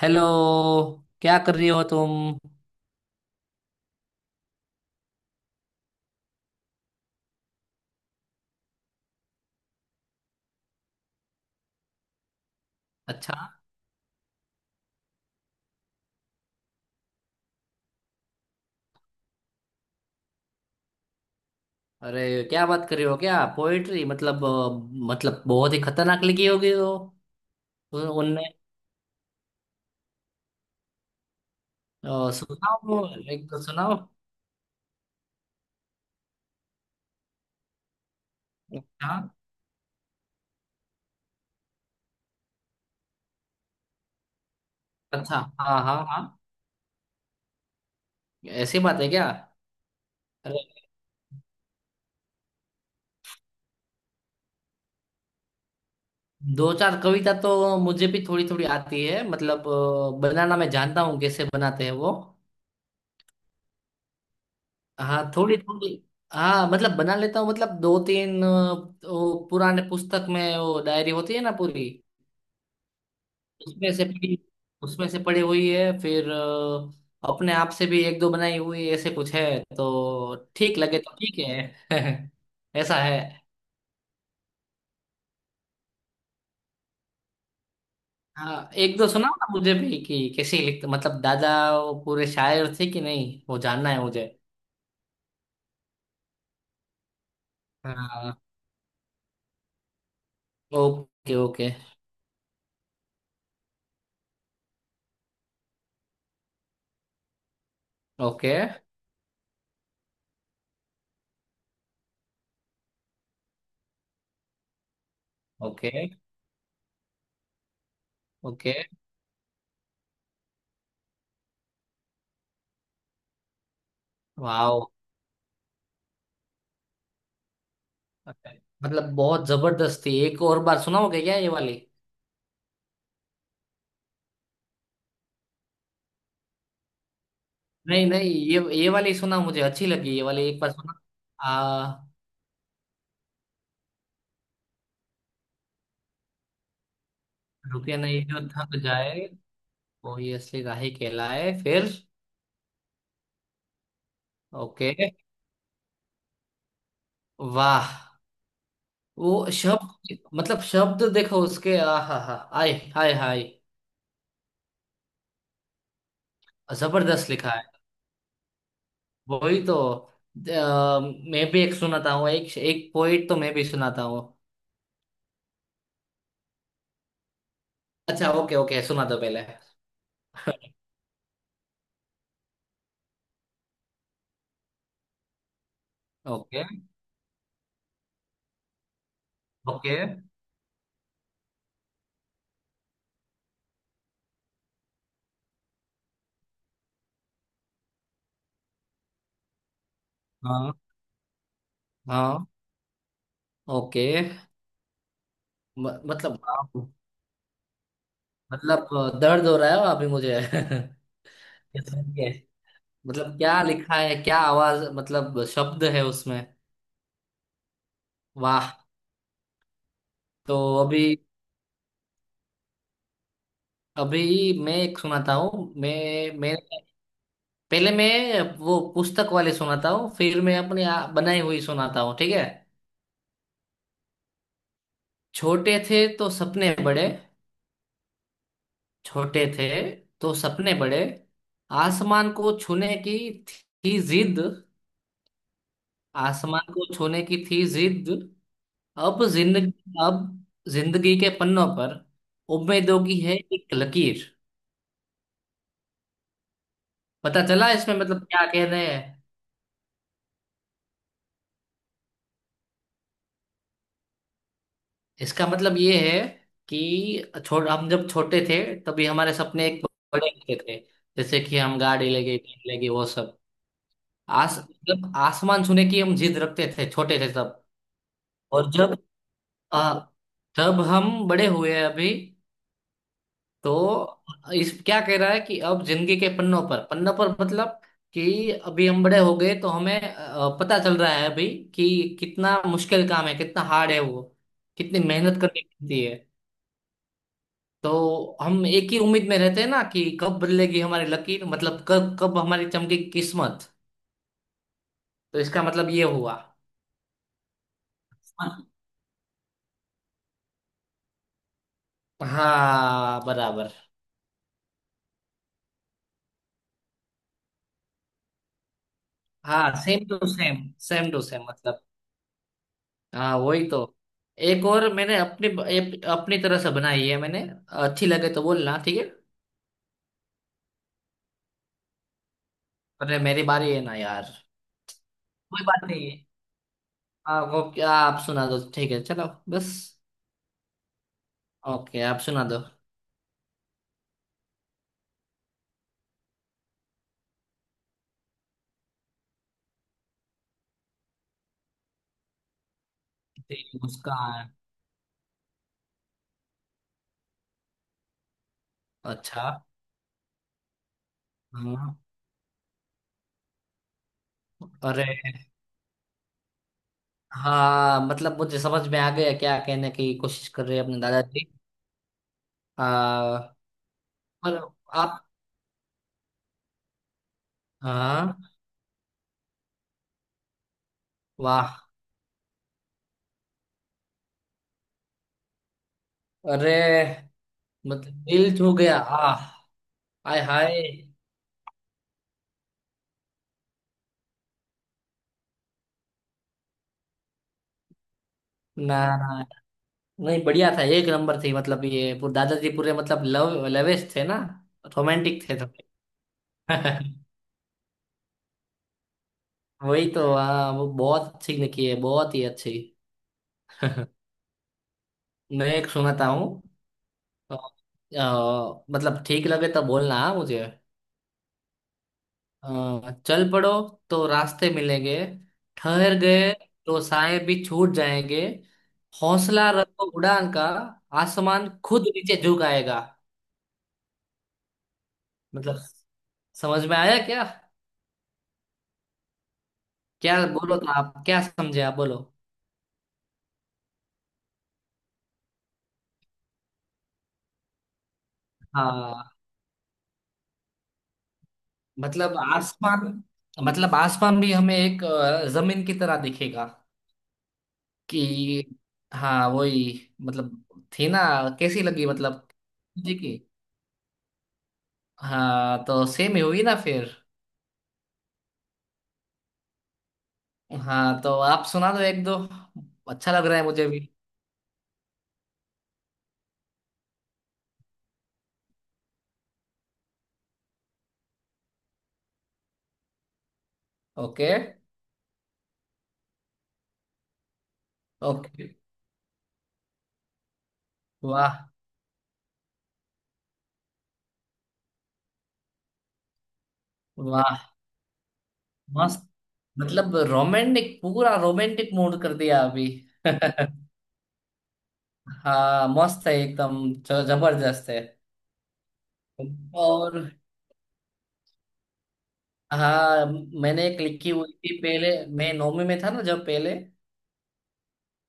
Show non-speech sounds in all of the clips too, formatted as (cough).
Hello. क्या कर रही हो तुम। अच्छा। अरे, क्या बात कर रही हो! क्या पोएट्री, मतलब बहुत ही खतरनाक लिखी होगी वो। उनने। सुनाओ। एक दो सुनाओ। हाँ। अच्छा, हाँ, हाँ, हाँ। ऐसी बात है क्या? अरे, दो चार कविता तो मुझे भी थोड़ी थोड़ी आती है, मतलब बनाना मैं जानता हूँ, कैसे बनाते हैं वो। हाँ, थोड़ी थोड़ी। हाँ, मतलब बना लेता हूँ, मतलब दो तीन वो पुराने पुस्तक में वो डायरी होती है ना पूरी। उसमें से पड़ी उसमें से पड़ी हुई है, फिर अपने आप से भी एक दो बनाई हुई ऐसे कुछ है। तो ठीक लगे तो ठीक है। (laughs) ऐसा है। हाँ, एक दो सुनाओ ना मुझे भी, कि कैसे लिखते मतलब दादा। वो पूरे शायर थे कि नहीं, वो जानना है मुझे। हाँ। Okay okay. Okay. Okay. Okay. Wow. मतलब बहुत जबरदस्त थी। एक और बार सुनाओगे क्या ये वाली? नहीं नहीं, ये वाली सुना, मुझे अच्छी लगी ये वाली, एक बार सुना। आ। रुके नहीं जो थक जाए, वो ही असली राही कहलाए, फिर। ओके। वाह। वो शब्द, मतलब शब्द देखो उसके, आ हा हा। आय हाय हाय। जबरदस्त लिखा है। वही तो मैं भी एक सुनाता हूँ, एक एक पोइट तो मैं भी सुनाता हूँ। अच्छा, ओके ओके, सुना दो पहले। Okay okay. हाँ हाँ। ओके। मतलब मतलब दर्द हो रहा है अभी मुझे। (laughs) ये सुन के। मतलब क्या लिखा है, क्या आवाज मतलब शब्द है उसमें। वाह। तो अभी। अभी मैं एक सुनाता हूँ, मैं पहले मैं वो पुस्तक वाली सुनाता हूँ, फिर मैं अपनी बनाई हुई सुनाता हूँ, ठीक है। छोटे थे तो सपने बड़े, छोटे थे तो सपने बड़े। आसमान को छूने की थी जिद, आसमान को छूने की थी जिद। अब जिंदगी, अब जिंदगी के पन्नों पर, उम्मीदों की है एक लकीर। पता चला इसमें मतलब क्या कह रहे हैं? इसका मतलब ये है कि छोट हम जब छोटे थे, तभी हमारे सपने एक बड़े होते थे। जैसे कि हम गाड़ी लेंगे, कार लेंगे, वो सब। आस मतलब आसमान छूने की हम जिद रखते थे छोटे थे तब। और आ, जब हम बड़े हुए अभी, तो इस क्या कह रहा है कि अब जिंदगी के पन्नों पर, पन्नों पर मतलब, कि अभी हम बड़े हो गए तो हमें पता चल रहा है अभी, कि कितना मुश्किल काम है, कितना हार्ड है वो, कितनी मेहनत करनी पड़ती है। तो हम एक ही उम्मीद में रहते हैं ना, कि कब बदलेगी हमारी लकीर, मतलब कब कब हमारी चमकेगी किस्मत। तो इसका मतलब ये हुआ। हाँ, बराबर। हाँ, same to same, same to same. हाँ वही तो। एक और मैंने अपनी तरह से बनाई है मैंने। अच्छी लगे तो बोलना, ठीक है? अरे, मेरी बारी है ना यार! कोई बात नहीं है। हाँ, वो क्या, आप सुना दो, ठीक है, चलो। बस। ओके, आप सुना दो। ठीक, मुस्कान। अच्छा। हाँ। अरे। हाँ, मतलब मुझे समझ में आ गया क्या कहने की कोशिश कर रहे हैं अपने दादाजी। हाँ। पर, आप। हाँ। वाह। अरे। मतलब दिल छू गया, आह। हाय हाय। ना ना, नहीं बढ़िया था, एक नंबर थी। मतलब ये पूरे दादाजी पूरे मतलब लव लवेश थे ना। रोमांटिक थे थोड़े। (laughs) वही तो, हाँ, वो बहुत अच्छी लिखी है, बहुत ही अच्छी। मैं एक सुनाता हूँ। मतलब ठीक लगे तो बोलना हाँ मुझे। चल पड़ो तो रास्ते मिलेंगे, ठहर गए तो साए भी छूट जाएंगे, हौसला रखो उड़ान का, आसमान खुद नीचे झुक आएगा। मतलब समझ में आया क्या? क्या बोलो तो, आप क्या समझे, आप बोलो। हाँ। मतलब आसमान, भी हमें एक जमीन की तरह दिखेगा, कि हाँ वही मतलब, थी ना, कैसी लगी मतलब? जी की। हाँ तो सेम ही हुई ना फिर। हाँ तो आप सुना दो एक दो, अच्छा लग रहा है मुझे भी। Okay okay. वाह वाह। मस्त। मतलब रोमांटिक, पूरा रोमांटिक मूड कर दिया अभी। हाँ, मस्त है एकदम, जबरदस्त है। और। हाँ। मैंने एक लिखी हुई थी पहले। मैं नौवीं में था ना जब, पहले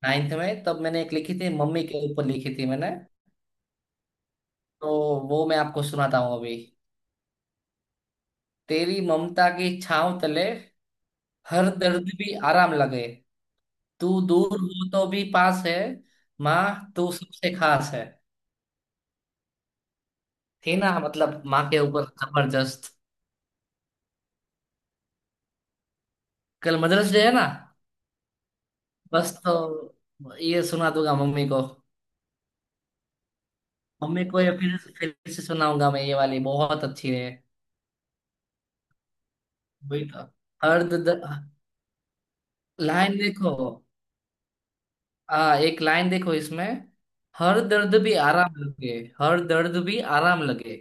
नाइन्थ में, तब मैंने एक लिखी थी, मम्मी के ऊपर लिखी थी मैंने। तो वो मैं आपको सुनाता हूँ अभी। तेरी ममता की छाँव तले, हर दर्द भी आराम लगे, तू दूर हो तो भी पास है, माँ तू सबसे खास है। थी ना, मतलब माँ के ऊपर जबरदस्त। कल मदर्स डे है ना। बस तो ये सुना दूंगा मम्मी को। मम्मी को ये फिर से सुनाऊंगा, मैं, ये वाली बहुत अच्छी है। वही था, हर दर्द। लाइन देखो, आ, एक लाइन देखो इसमें। हर दर्द भी आराम लगे, हर दर्द भी आराम लगे।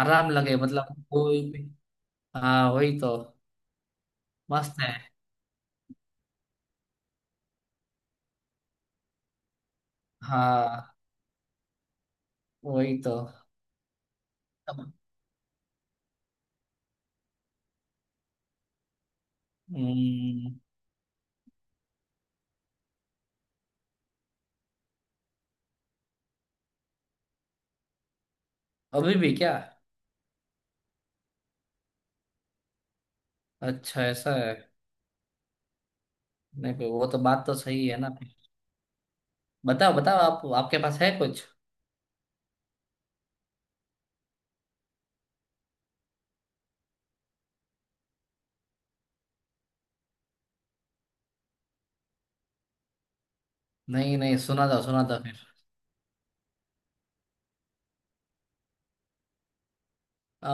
आराम लगे मतलब कोई भी। हाँ वही तो। मस्त है। हाँ वही तो। अब- हम्म। अभी भी क्या? अच्छा, ऐसा है। नहीं, वो तो, बात तो सही है ना। बताओ बताओ, आप आपके पास है कुछ? नहीं नहीं, सुना था, सुना था, फिर। अ,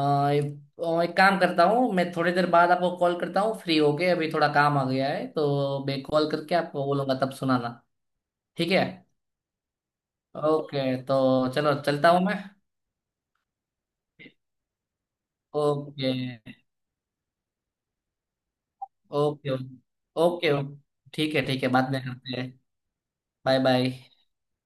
और एक काम करता हूँ, मैं थोड़ी देर बाद आपको कॉल करता हूँ फ्री होके। अभी थोड़ा काम आ गया है, तो मैं कॉल करके आपको बोलूंगा, तब सुनाना। ठीक है। ओके, तो चलो, चलता हूँ मैं। Okay okay okay okay. ठीक है, ठीक है, बाद में करते हैं। Bye bye.